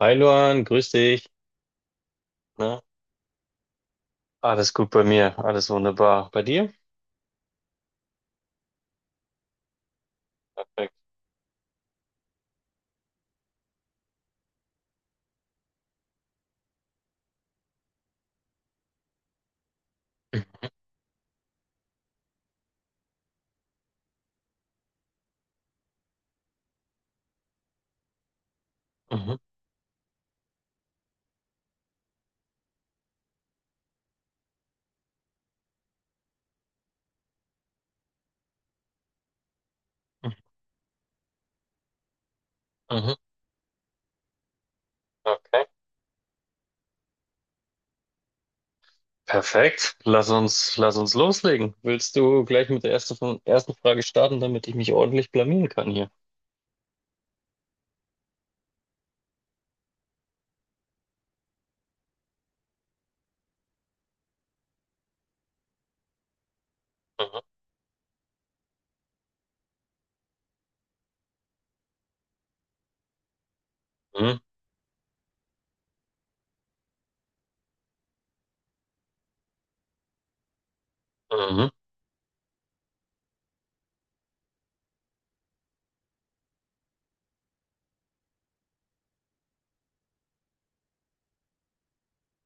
Hi Luan, grüß dich. Na? Alles gut bei mir, alles wunderbar. Bei dir? Perfekt. Mhm. Mhm. Okay. Perfekt. Lass uns loslegen. Willst du gleich mit der ersten Frage starten, damit ich mich ordentlich blamieren kann hier? Mhm. Mhm. Mhm.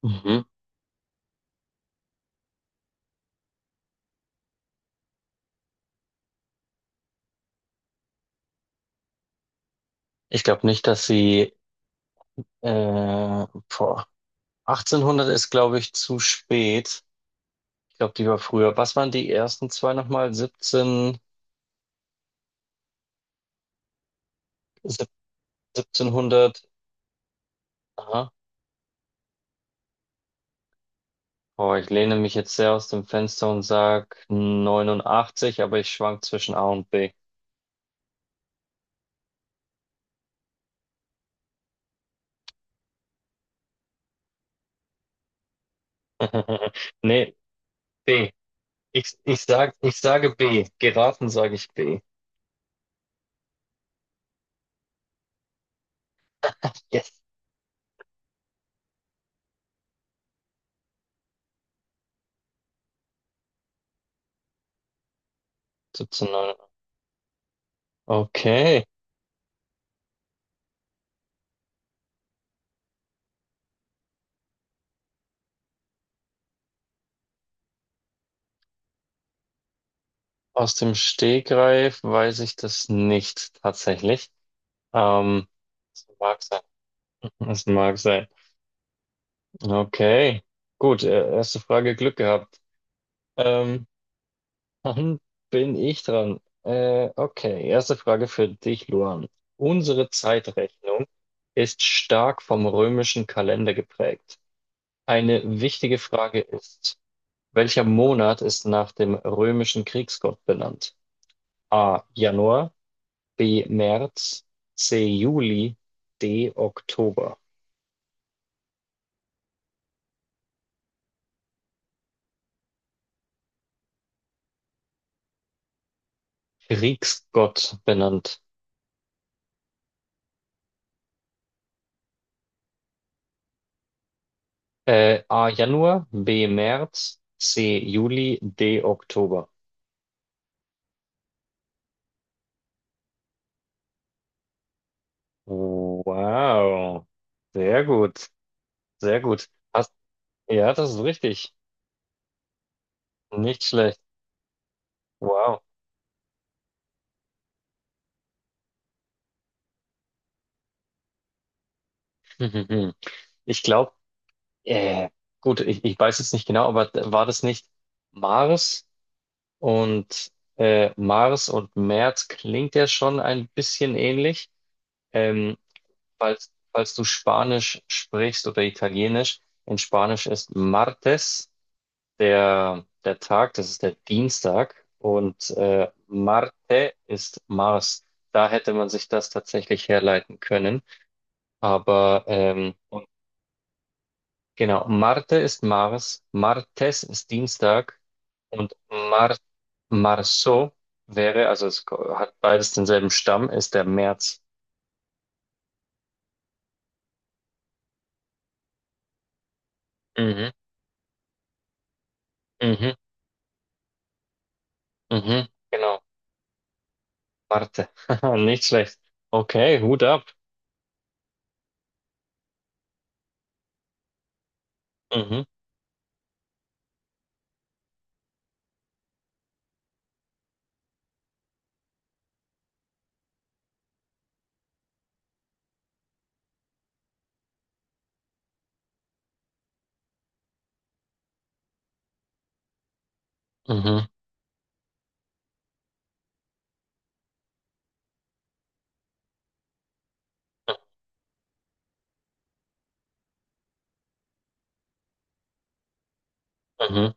Mhm. Ich glaube nicht, dass sie äh, boah. 1800 ist, glaube ich, zu spät. Ich glaube, die war früher. Was waren die ersten zwei nochmal? 17, sieb- 1700. Boah, ich lehne mich jetzt sehr aus dem Fenster und sag 89, aber ich schwank zwischen A und B. Nee, B. Ich sage B. Geraten sage ich B. Yes. 17, 9. Okay. Aus dem Stegreif weiß ich das nicht tatsächlich. Ähm, Es mag sein. Es mag sein. Okay. Gut, erste Frage Glück gehabt. Ähm, Dann bin ich dran. Okay, erste Frage für dich, Luan. Unsere Zeitrechnung ist stark vom römischen Kalender geprägt. Eine wichtige Frage ist, welcher Monat ist nach dem römischen Kriegsgott benannt? A. Januar, B. März, C. Juli, D. Oktober. Kriegsgott benannt. A. Januar, B. März, C. Juli, D. Oktober. Wow. Sehr gut. Sehr gut. Ja, das ist richtig. Nicht schlecht. Wow. Ich glaube, äh, gut, ich weiß jetzt nicht genau, aber war das nicht Mars und Mars und März klingt ja schon ein bisschen ähnlich. Ähm, falls du Spanisch sprichst oder Italienisch, in Spanisch ist Martes. Der Tag, das ist der Dienstag und Marte ist Mars. Da hätte man sich das tatsächlich herleiten können. Und genau, Marte ist Mars, Martes ist Dienstag und Marso wäre, also es hat beides denselben Stamm, ist der März. Mhm. Mhm. Mhm. Genau, Marte. Nicht schlecht. Okay, Hut ab. Mhm. Mhm. Mhm.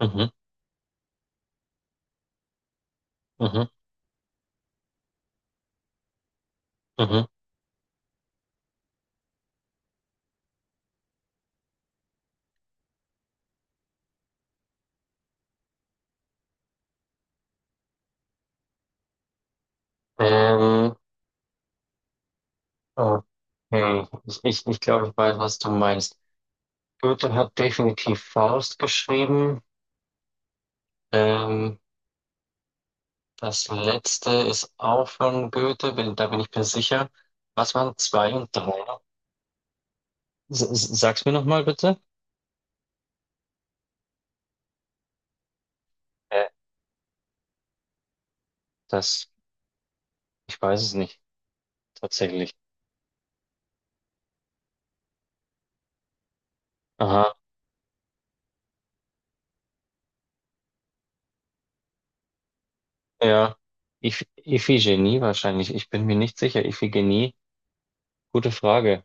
Mhm. Mhm. Mhm. Mhm. Ähm, okay. Ich glaube, ich weiß, was du meinst. Goethe hat definitiv Faust geschrieben. Ähm, Das letzte ist auch von Goethe, da bin ich mir sicher. Was waren zwei und drei? Sag's mir nochmal bitte. Äh, das, Ich weiß es nicht, tatsächlich. Aha, ja. Iphigenie wahrscheinlich. Ich bin mir nicht sicher. Iphigenie, gute Frage.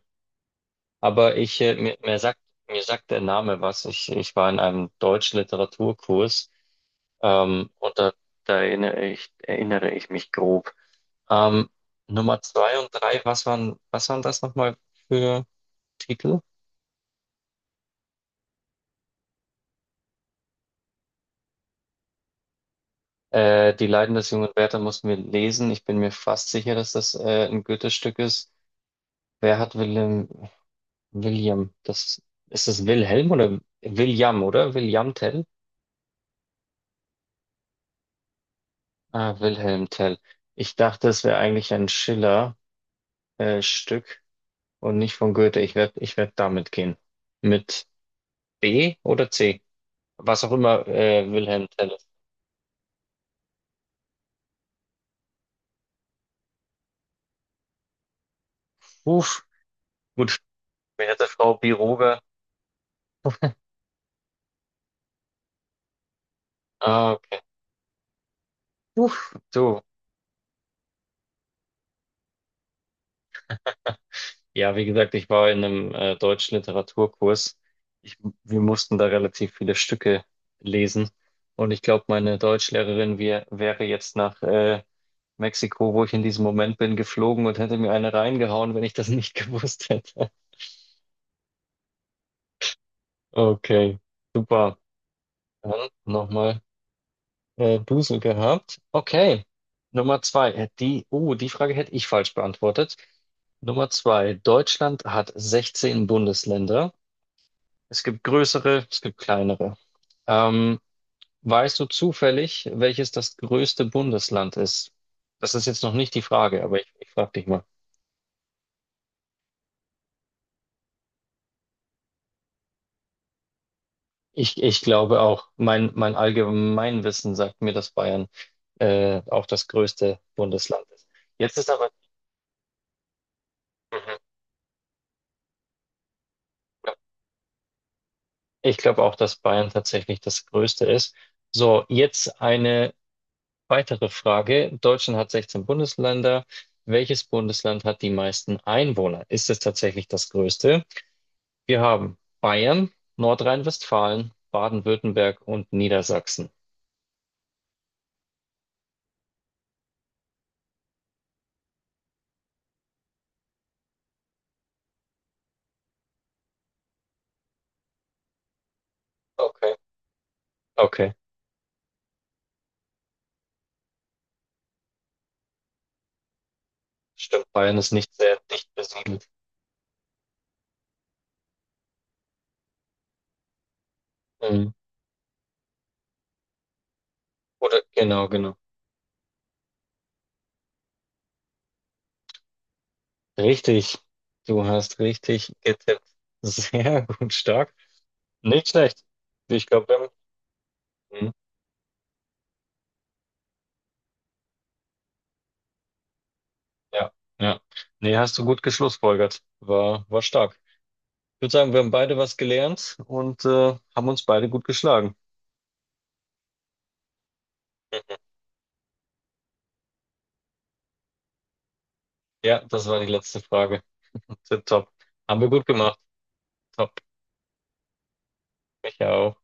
Aber mir sagt der Name was. Ich war in einem deutschen Literaturkurs, und da erinnere ich mich grob. Ähm, Nummer zwei und drei, was waren das nochmal für Titel? Die Leiden des jungen Werther mussten wir lesen. Ich bin mir fast sicher, dass das ein Goethe-Stück ist. Wer hat Willem, William? Ist das Wilhelm oder? William Tell? Ah, Wilhelm Tell. Ich dachte, es wäre eigentlich ein Schiller, Stück und nicht von Goethe. Ich werd damit gehen. Mit B oder C? Was auch immer, Wilhelm Tell ist. Uff, gut, mir hätte Frau Biroger. Ah, okay. Uff, so. Ja, wie gesagt, ich war in einem deutschen Literaturkurs. Ich, wir mussten da relativ viele Stücke lesen. Und ich glaube, meine Deutschlehrerin wäre jetzt nach Mexiko, wo ich in diesem Moment bin, geflogen und hätte mir eine reingehauen, wenn ich das nicht gewusst hätte. Okay, super. Dann nochmal Busen gehabt. Okay. Nummer zwei. Die Frage hätte ich falsch beantwortet. Nummer zwei. Deutschland hat 16 Bundesländer. Es gibt größere, es gibt kleinere. Ähm, weißt du zufällig, welches das größte Bundesland ist? Das ist jetzt noch nicht die Frage, aber ich frage dich mal. Ich glaube auch, mein Allgemeinwissen sagt mir, dass Bayern auch das größte Bundesland ist. Jetzt ist aber. Mhm. Ich glaube auch, dass Bayern tatsächlich das Größte ist. So, jetzt eine weitere Frage. Deutschland hat 16 Bundesländer. Welches Bundesland hat die meisten Einwohner? Ist es tatsächlich das Größte? Wir haben Bayern, Nordrhein-Westfalen, Baden-Württemberg und Niedersachsen. Okay. Okay, stimmt. Bayern ist nicht sehr dicht besiedelt. Mhm. Oder genau, genau. Richtig. Du hast richtig getippt. Sehr gut, stark. Nicht schlecht. Ich glaube, wir haben. Mhm. Ja, ja. Nee, hast du gut geschlussfolgert. War stark. Ich würde sagen, wir haben beide was gelernt und haben uns beide gut geschlagen. Ja, das war die letzte Frage. Tipptopp. Haben wir gut gemacht. Top. Ich auch.